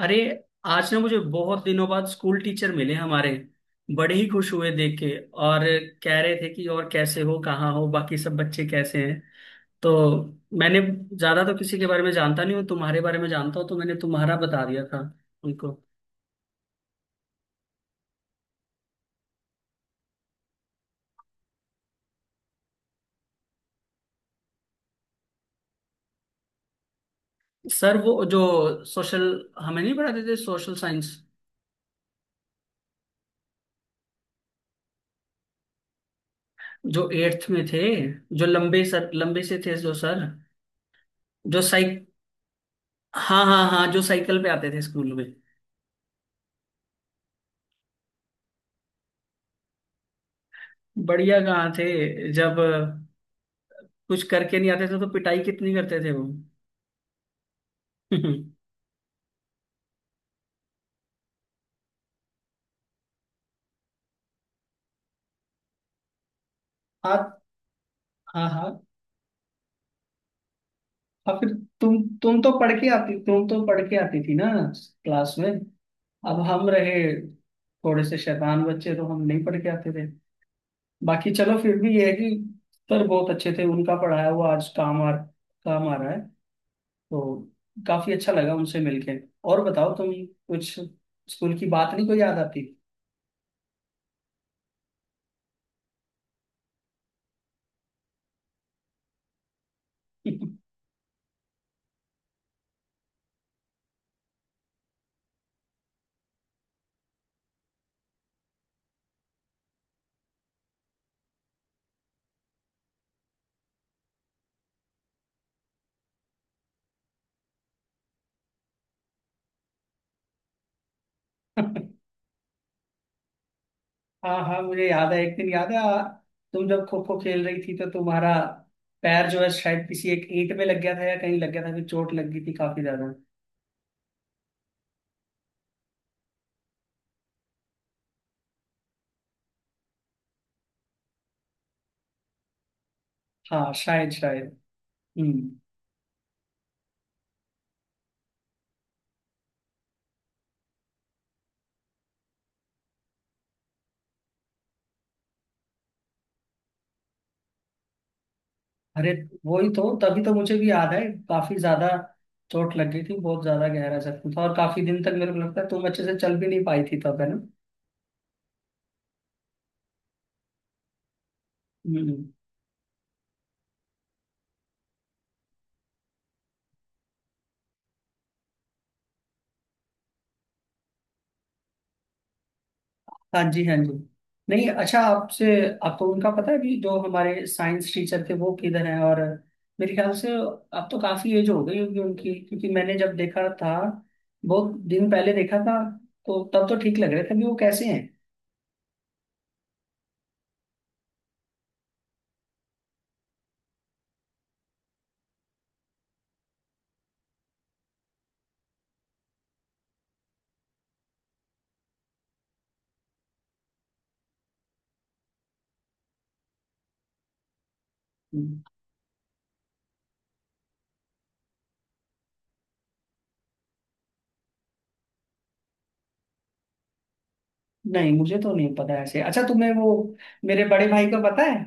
अरे, आज ना मुझे बहुत दिनों बाद स्कूल टीचर मिले हमारे। बड़े ही खुश हुए देख के और कह रहे थे कि और कैसे हो, कहाँ हो, बाकी सब बच्चे कैसे हैं। तो मैंने ज्यादा तो किसी के बारे में जानता नहीं हूँ, तुम्हारे बारे में जानता हूँ, तो मैंने तुम्हारा बता दिया था उनको। सर वो जो सोशल हमें नहीं पढ़ाते थे, सोशल साइंस। जो एट्थ में थे, जो लंबे सर लंबे से थे, जो सर, जो साइक। हाँ हाँ हाँ, जो साइकिल पे आते थे स्कूल में। बढ़िया कहाँ थे, जब कुछ करके नहीं आते थे तो पिटाई कितनी करते थे वो। हाँ हाँ हाँ। और फिर तुम तो पढ़ के आती, तुम तो पढ़ के आती थी ना क्लास में। अब हम रहे थोड़े से शैतान बच्चे, तो हम नहीं पढ़ के आते थे। बाकी चलो फिर भी ये है कि सर बहुत अच्छे थे, उनका पढ़ाया हुआ आज काम आ रहा है। तो काफी अच्छा लगा उनसे मिलके। और बताओ तुम कुछ स्कूल की बात नहीं कोई याद आती। हाँ हाँ, मुझे याद है, एक दिन याद है तुम जब खो खो खेल रही थी तो तुम्हारा पैर जो है शायद किसी एक ईंट में लग गया था या कहीं लग गया था, फिर चोट लग गई थी काफी ज्यादा। हाँ, शायद शायद। हम्म। अरे वही तो, तभी तो मुझे भी याद है, काफी ज्यादा चोट लग गई थी, बहुत ज्यादा गहरा जख्म था, और काफी दिन तक मेरे को लगता है तुम अच्छे से चल भी नहीं पाई थी तब, है ना। हम्म। हाँ जी, हाँ जी। नहीं अच्छा, आपसे, आपको उनका पता है भी, जो हमारे साइंस टीचर थे वो किधर हैं, और मेरे ख्याल से अब तो काफी एज हो गई होगी उनकी, क्योंकि मैंने जब देखा था, बहुत दिन पहले देखा था, तो तब तो ठीक लग रहे थे भी वो, कैसे हैं। हम्म, नहीं मुझे तो नहीं पता ऐसे। अच्छा, तुम्हें वो मेरे बड़े भाई को पता है,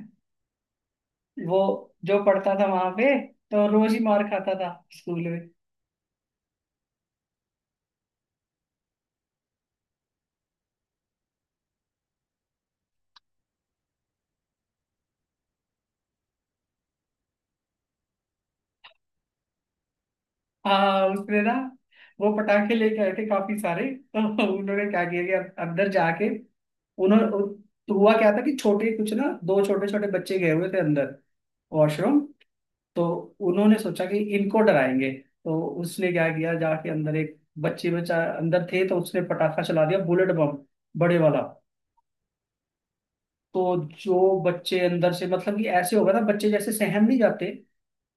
वो जो पढ़ता था वहां पे, तो रोज ही मार खाता था स्कूल में। हाँ उसने ना वो पटाखे लेके आए थे काफी सारे। तो उन्होंने क्या किया कि अंदर जाके उन्होंने, तो हुआ क्या था कि छोटे कुछ ना, दो छोटे छोटे बच्चे गए हुए थे अंदर, वॉशरूम। तो उन्होंने सोचा कि इनको डराएंगे। तो उसने क्या किया, जाके अंदर एक बच्चे बच्चा अंदर थे, तो उसने पटाखा चला दिया, बुलेट बम, बड़े वाला। तो जो बच्चे अंदर से, मतलब कि ऐसे होगा ना, बच्चे जैसे सहम नहीं जाते,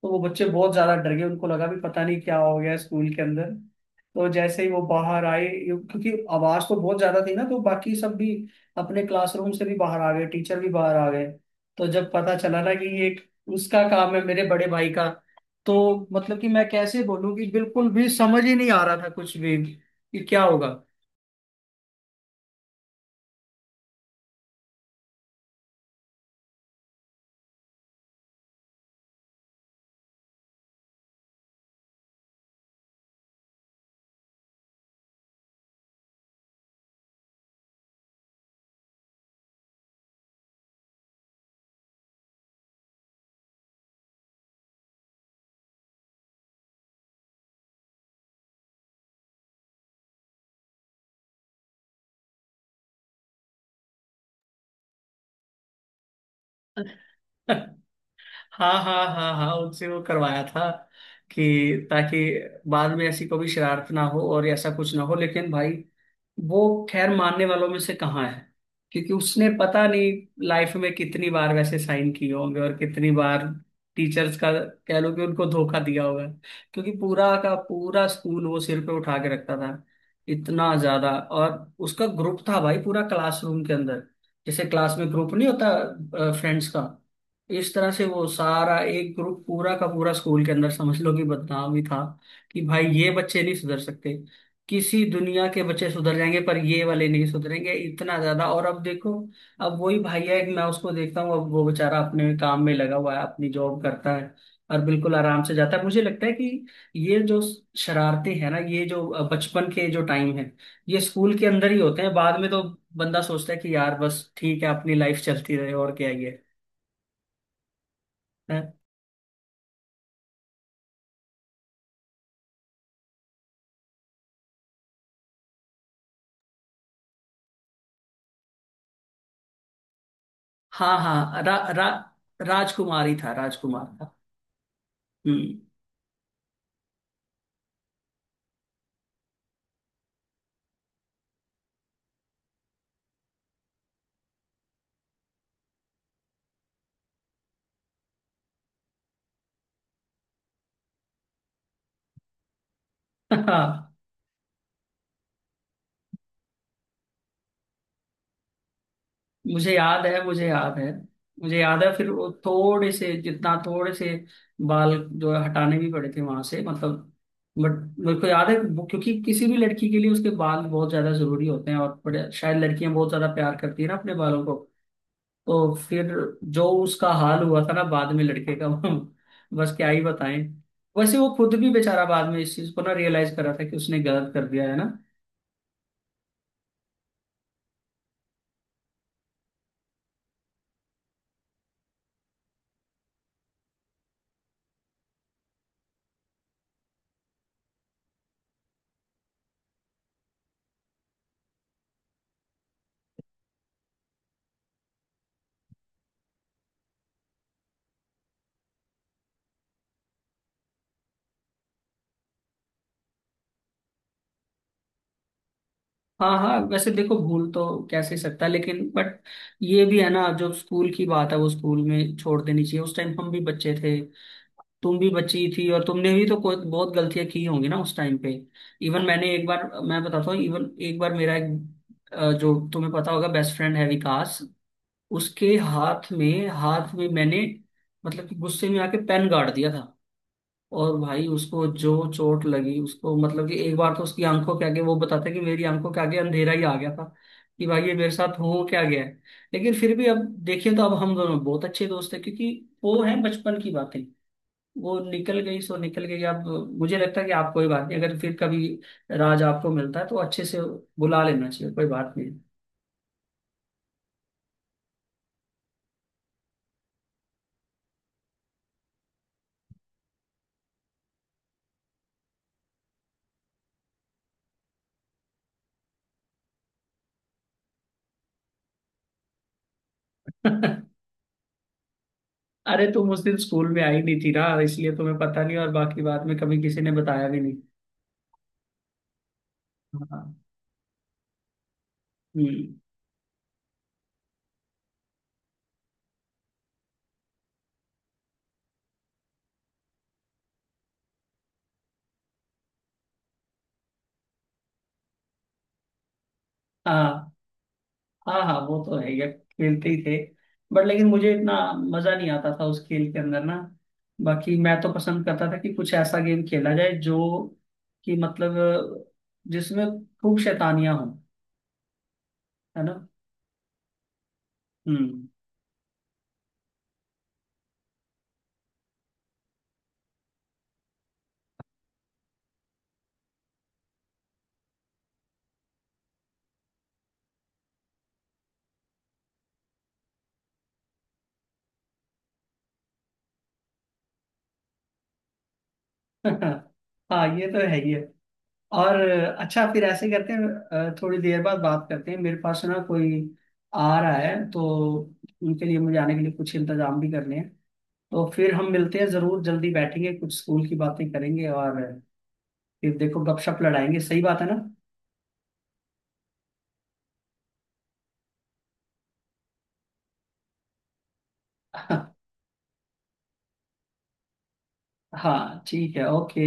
तो वो बच्चे बहुत ज्यादा डर गए, उनको लगा भी पता नहीं क्या हो गया स्कूल के अंदर। तो जैसे ही वो बाहर आए क्योंकि आवाज तो बहुत ज्यादा थी ना, तो बाकी सब भी अपने क्लासरूम से भी बाहर आ गए, टीचर भी बाहर आ गए। तो जब पता चला ना कि ये उसका काम है, मेरे बड़े भाई का, तो मतलब कि मैं कैसे बोलूं कि बिल्कुल भी समझ ही नहीं आ रहा था कुछ भी, कि क्या होगा। हाँ हाँ हाँ हाँ, उनसे वो करवाया था कि, ताकि बाद में ऐसी कोई शरारत ना हो और ऐसा कुछ ना हो। लेकिन भाई वो खैर मानने वालों में से कहाँ है, क्योंकि उसने पता नहीं लाइफ में कितनी बार वैसे साइन किए होंगे और कितनी बार टीचर्स का, कह लो कि उनको धोखा दिया होगा, क्योंकि पूरा का पूरा स्कूल वो सिर पे उठा के रखता था, इतना ज्यादा। और उसका ग्रुप था भाई पूरा क्लासरूम के अंदर, जैसे क्लास में ग्रुप नहीं होता फ्रेंड्स का, इस तरह से वो सारा एक ग्रुप, पूरा का पूरा स्कूल के अंदर समझ लो कि बदनाम ही था, कि भाई ये बच्चे नहीं सुधर सकते। किसी दुनिया के बच्चे सुधर जाएंगे पर ये वाले नहीं सुधरेंगे, इतना ज्यादा। और अब देखो, अब वही भैया, एक मैं उसको देखता हूँ, अब वो बेचारा अपने काम में लगा हुआ है, अपनी जॉब करता है और बिल्कुल आराम से जाता है। मुझे लगता है कि ये जो शरारतें हैं ना, ये जो बचपन के जो टाइम है, ये स्कूल के अंदर ही होते हैं, बाद में तो बंदा सोचता है कि यार बस ठीक है, अपनी लाइफ चलती रहे और क्या ही है। हाँ हाँ, रा, रा, राजकुमार ही था, राजकुमार था। हम्म। हाँ मुझे याद है, मुझे याद है। मुझे याद है फिर वो थोड़े से, जितना थोड़े से बाल जो है हटाने भी पड़े थे वहां से, मतलब। बट मेरे को याद है क्योंकि किसी भी लड़की के लिए उसके बाल बहुत ज्यादा जरूरी होते हैं, और बड़े, शायद लड़कियां बहुत ज्यादा प्यार करती है ना अपने बालों को। तो फिर जो उसका हाल हुआ था ना बाद में लड़के का, बस क्या ही बताएं। वैसे वो खुद भी बेचारा बाद में इस चीज को ना रियलाइज करा था कि उसने गलत कर दिया है ना। हाँ हाँ, वैसे देखो, भूल तो कैसे सकता है, लेकिन बट ये भी है ना जो स्कूल की बात है वो स्कूल में छोड़ देनी चाहिए। उस टाइम हम भी बच्चे थे, तुम भी बच्ची थी, और तुमने भी तो कोई बहुत गलतियां की होंगी ना उस टाइम पे। इवन मैंने एक बार, मैं बताता हूँ, इवन एक बार मेरा एक जो तुम्हें पता होगा, बेस्ट फ्रेंड है विकास, उसके हाथ में, हाथ में मैंने मतलब कि गुस्से में आके पेन गाड़ दिया था। और भाई उसको जो चोट लगी उसको, मतलब कि एक बार तो उसकी आंखों के आगे, वो बताता है कि मेरी आंखों के आगे अंधेरा ही आ गया था, कि भाई ये मेरे साथ हो क्या गया है। लेकिन फिर भी अब देखिए तो अब हम दोनों बहुत अच्छे दोस्त हैं, क्योंकि वो है बचपन की बातें, वो निकल गई सो निकल गई। अब मुझे लगता है कि आप कोई बात नहीं, अगर फिर कभी राज आपको मिलता है तो अच्छे से बुला लेना चाहिए, कोई बात नहीं। अरे तुम उस दिन स्कूल में आई नहीं थी ना, इसलिए तुम्हें पता नहीं, और बाकी बाद में कभी किसी ने बताया भी नहीं। हाँ। हम्म, हाँ हाँ हाँ, वो तो है यार, खेलते ही थे। बट लेकिन मुझे इतना मजा नहीं आता था उस खेल के अंदर ना। बाकी मैं तो पसंद करता था कि कुछ ऐसा गेम खेला जाए जो, कि मतलब जिसमें खूब शैतानियां हों, है ना। हम्म। हाँ, ये तो है ही है। और अच्छा, फिर ऐसे करते हैं, थोड़ी देर बाद बात करते हैं, मेरे पास ना कोई आ रहा है तो, उनके लिए मुझे आने के लिए कुछ इंतजाम भी करने हैं। तो फिर हम मिलते हैं जरूर, जल्दी बैठेंगे, कुछ स्कूल की बातें करेंगे और फिर देखो गपशप लड़ाएंगे, सही बात है ना। हाँ ठीक है, ओके।